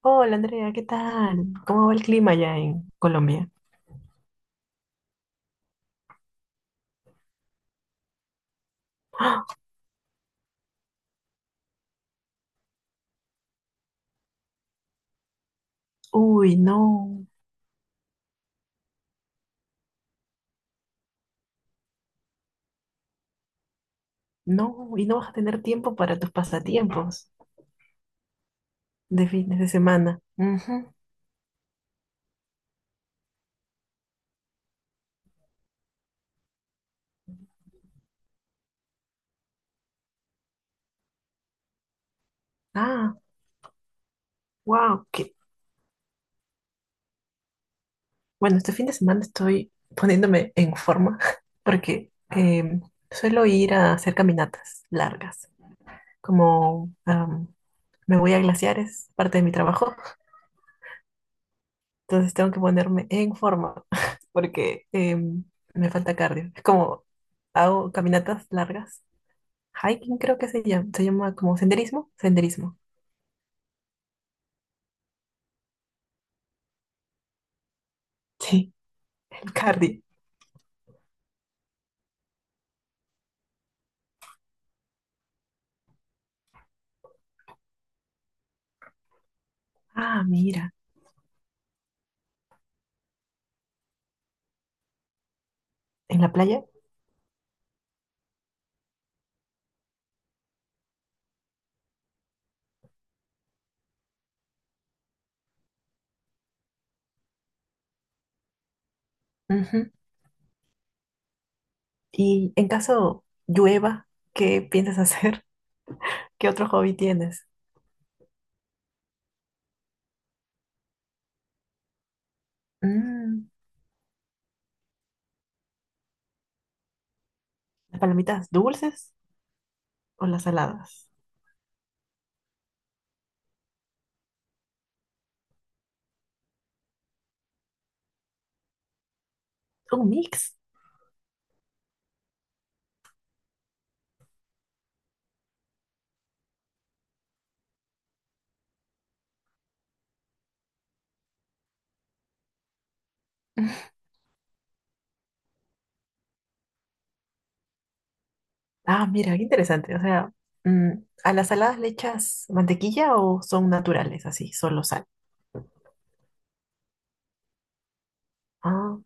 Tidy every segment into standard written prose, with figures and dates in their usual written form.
Hola Andrea, ¿qué tal? ¿Cómo va el clima allá en Colombia? Uy, no, no, y no vas a tener tiempo para tus pasatiempos de fines de semana. Ujú. Ah, wow, que bueno, este fin de semana estoy poniéndome en forma porque suelo ir a hacer caminatas largas, como me voy a glaciares, parte de mi trabajo. Entonces tengo que ponerme en forma porque me falta cardio. Es como hago caminatas largas. Hiking creo que se llama. Se llama como senderismo. Senderismo. Sí, cardio. Ah, mira. En la playa. Ujú. Y en caso llueva, ¿qué piensas hacer? ¿Qué otro hobby tienes? Mm, ¿Las palomitas dulces o las saladas? Un mix. Ah, mira, qué interesante. O sea, mm, ¿a las saladas le echas mantequilla o son naturales, así, solo sal? Ah,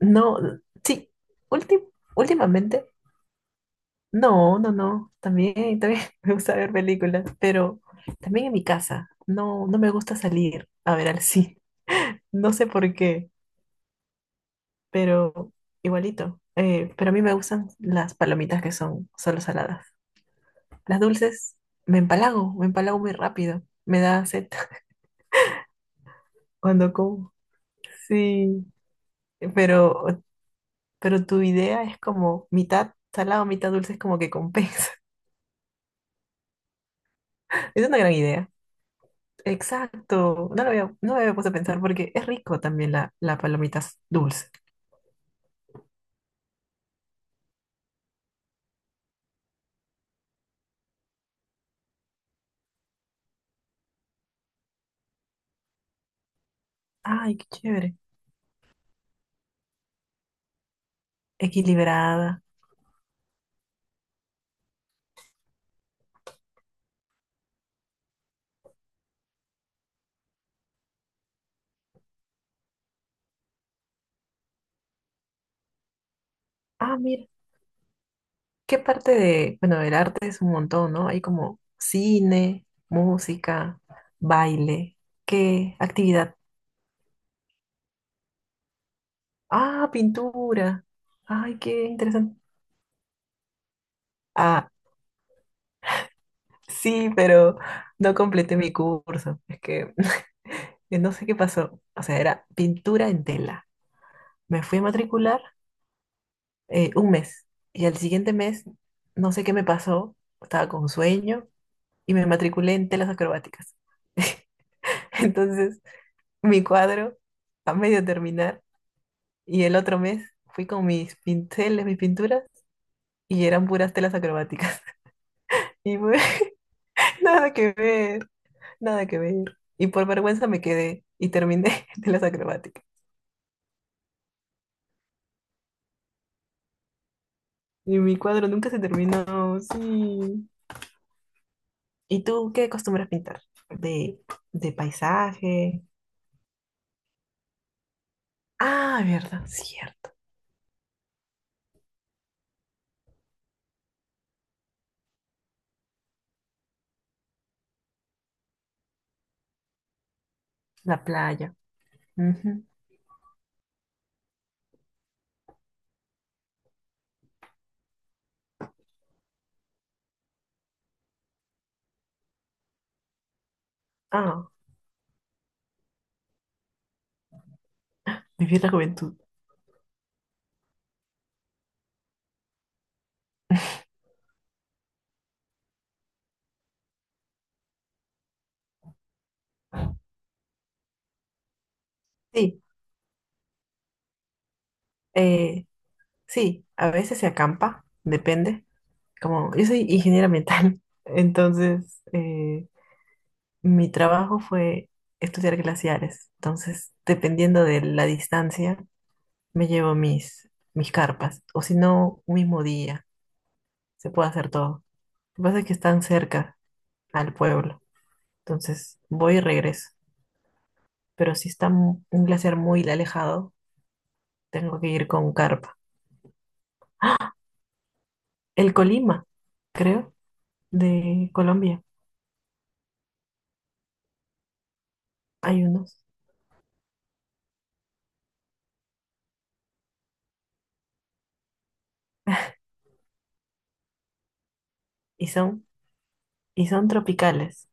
no, sí, últim- últimamente, no, no, no, también, también me gusta ver películas, pero también en mi casa, no, no me gusta salir a ver al cine, no sé por qué, pero igualito, pero a mí me gustan las palomitas que son solo saladas, las dulces, me empalago muy rápido, me da sed cuando como. Sí, pero, pero tu idea es como mitad salado, mitad dulce, es como que compensa. Es una gran idea. Exacto. No lo había, no me había puesto a pensar porque es rico también la, palomita dulce. Ay, qué chévere. Equilibrada. Ah, mira. ¿Qué parte de, bueno, del arte? Es un montón, ¿no? Hay como cine, música, baile. ¿Qué actividad? Ah, pintura. Ay, qué interesante. Ah, sí, pero no completé mi curso. Es que no sé qué pasó. O sea, era pintura en tela. Me fui a matricular un mes y al siguiente mes no sé qué me pasó. Estaba con sueño y me matriculé en telas acrobáticas. Entonces, mi cuadro a medio terminar y el otro mes fui con mis pinceles, mis pinturas y eran puras telas acrobáticas. Y fue nada que ver. Nada que ver. Y por vergüenza me quedé y terminé de las acrobáticas. Y mi cuadro nunca se terminó, sí. ¿Y tú qué acostumbras pintar? De, de paisaje. Ah, verdad, cierto. La playa. Ujú. Ah, vivir la juventud. Sí, eh, sí, a veces se acampa, depende. Como yo soy ingeniera ambiental, entonces mi trabajo fue estudiar glaciares. Entonces, dependiendo de la distancia, me llevo mis, carpas, o si no, un mismo día, se puede hacer todo. Lo que pasa es que están cerca al pueblo, entonces voy y regreso. Pero si está un glaciar muy alejado, tengo que ir con carpa. El Colima, creo, de Colombia, hay unos, y son, y son, tropicales,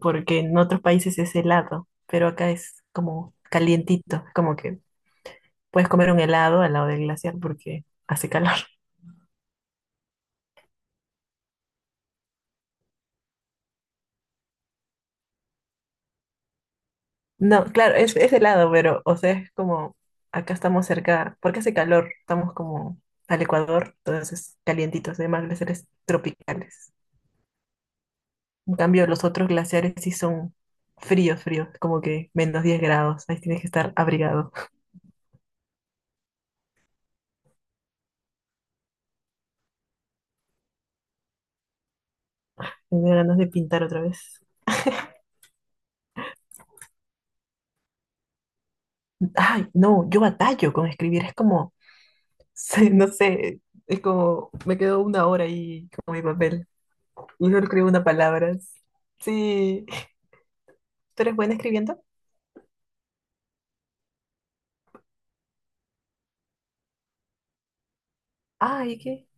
porque en otros países es helado, pero acá es como calientito, como que puedes comer un helado al lado del glaciar porque hace calor. No, claro, es helado, pero, o sea, es como, acá estamos cerca, porque hace calor, estamos como al Ecuador, entonces calientitos, además glaciares tropicales. En cambio, los otros glaciares sí son fríos, fríos, como que -10 grados, ahí tienes que estar abrigado. Tengo ganas de pintar otra vez. Ay, no, yo batallo con escribir, es como, sí, no sé, es como, me quedo 1 hora ahí con mi papel y solo escribo una palabra. Sí, ¿tú eres buena escribiendo? Ay, ¿qué?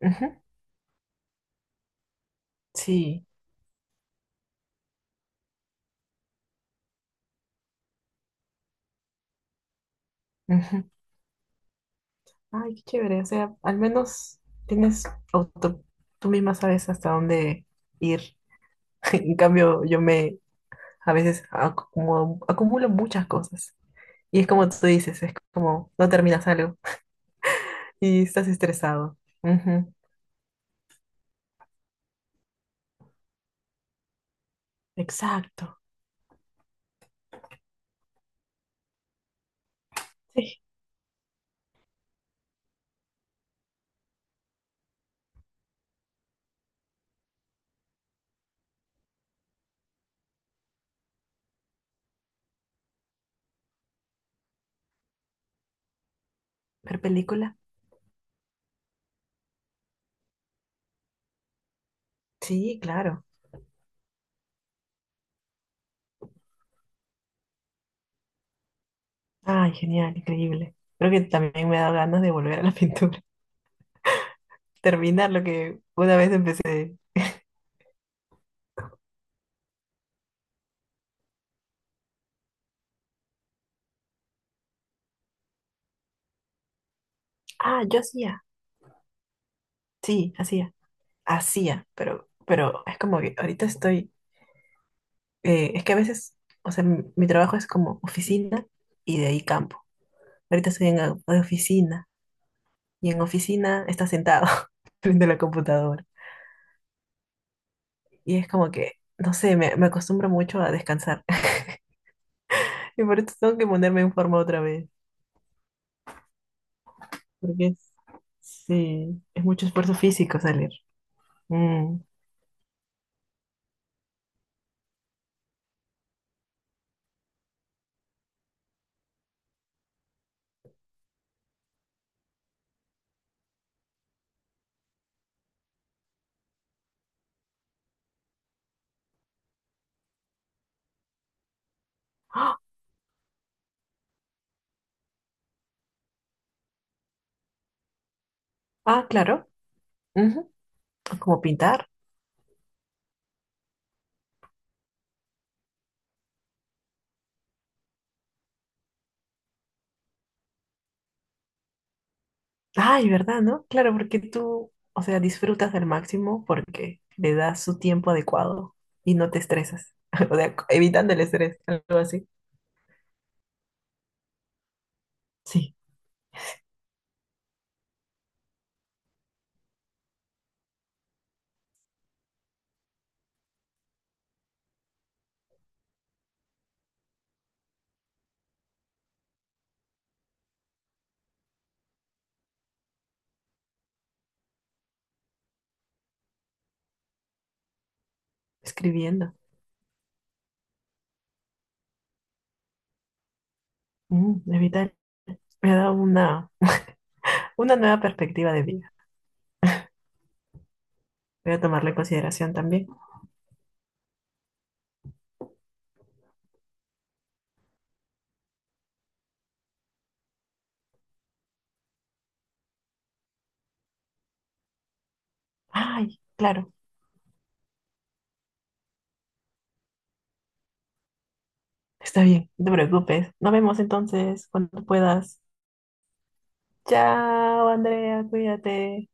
Ujú. Sí. Ujú. Ay, qué chévere. O sea, al menos tienes auto, tú misma sabes hasta dónde ir. En cambio, yo me a veces acumulo, acumulo muchas cosas. Y es como tú dices, es como no terminas algo y estás estresado. Ujú. Exacto. Sí. ¿Ver película? Sí, claro. Ay, genial, increíble. Creo que también me ha dado ganas de volver a la pintura. Terminar lo que una vez empecé. Ah, yo hacía. Sí, hacía, hacía, pero es como que ahorita estoy, es que a veces, o sea, mi, trabajo es como oficina y de ahí campo. Ahorita estoy en la de oficina y en oficina está sentado frente a la computadora. Y es como que, no sé, me acostumbro mucho a descansar. Y por eso tengo que ponerme en forma otra vez, porque sí, es mucho esfuerzo físico salir. Mm. Ah, ah, claro. Ujú. Como pintar. Ay, ¿verdad, no? Claro, porque tú, o sea, disfrutas al máximo porque le das su tiempo adecuado y no te estresas. O sea, evitando el estrés, algo así. Sí, escribiendo. Mm, evitar. Me ha dado una, nueva perspectiva de vida. Voy a tomarla en consideración también. Ay, claro. Está bien, no te preocupes. Nos vemos entonces cuando puedas. Chao, Andrea, cuídate.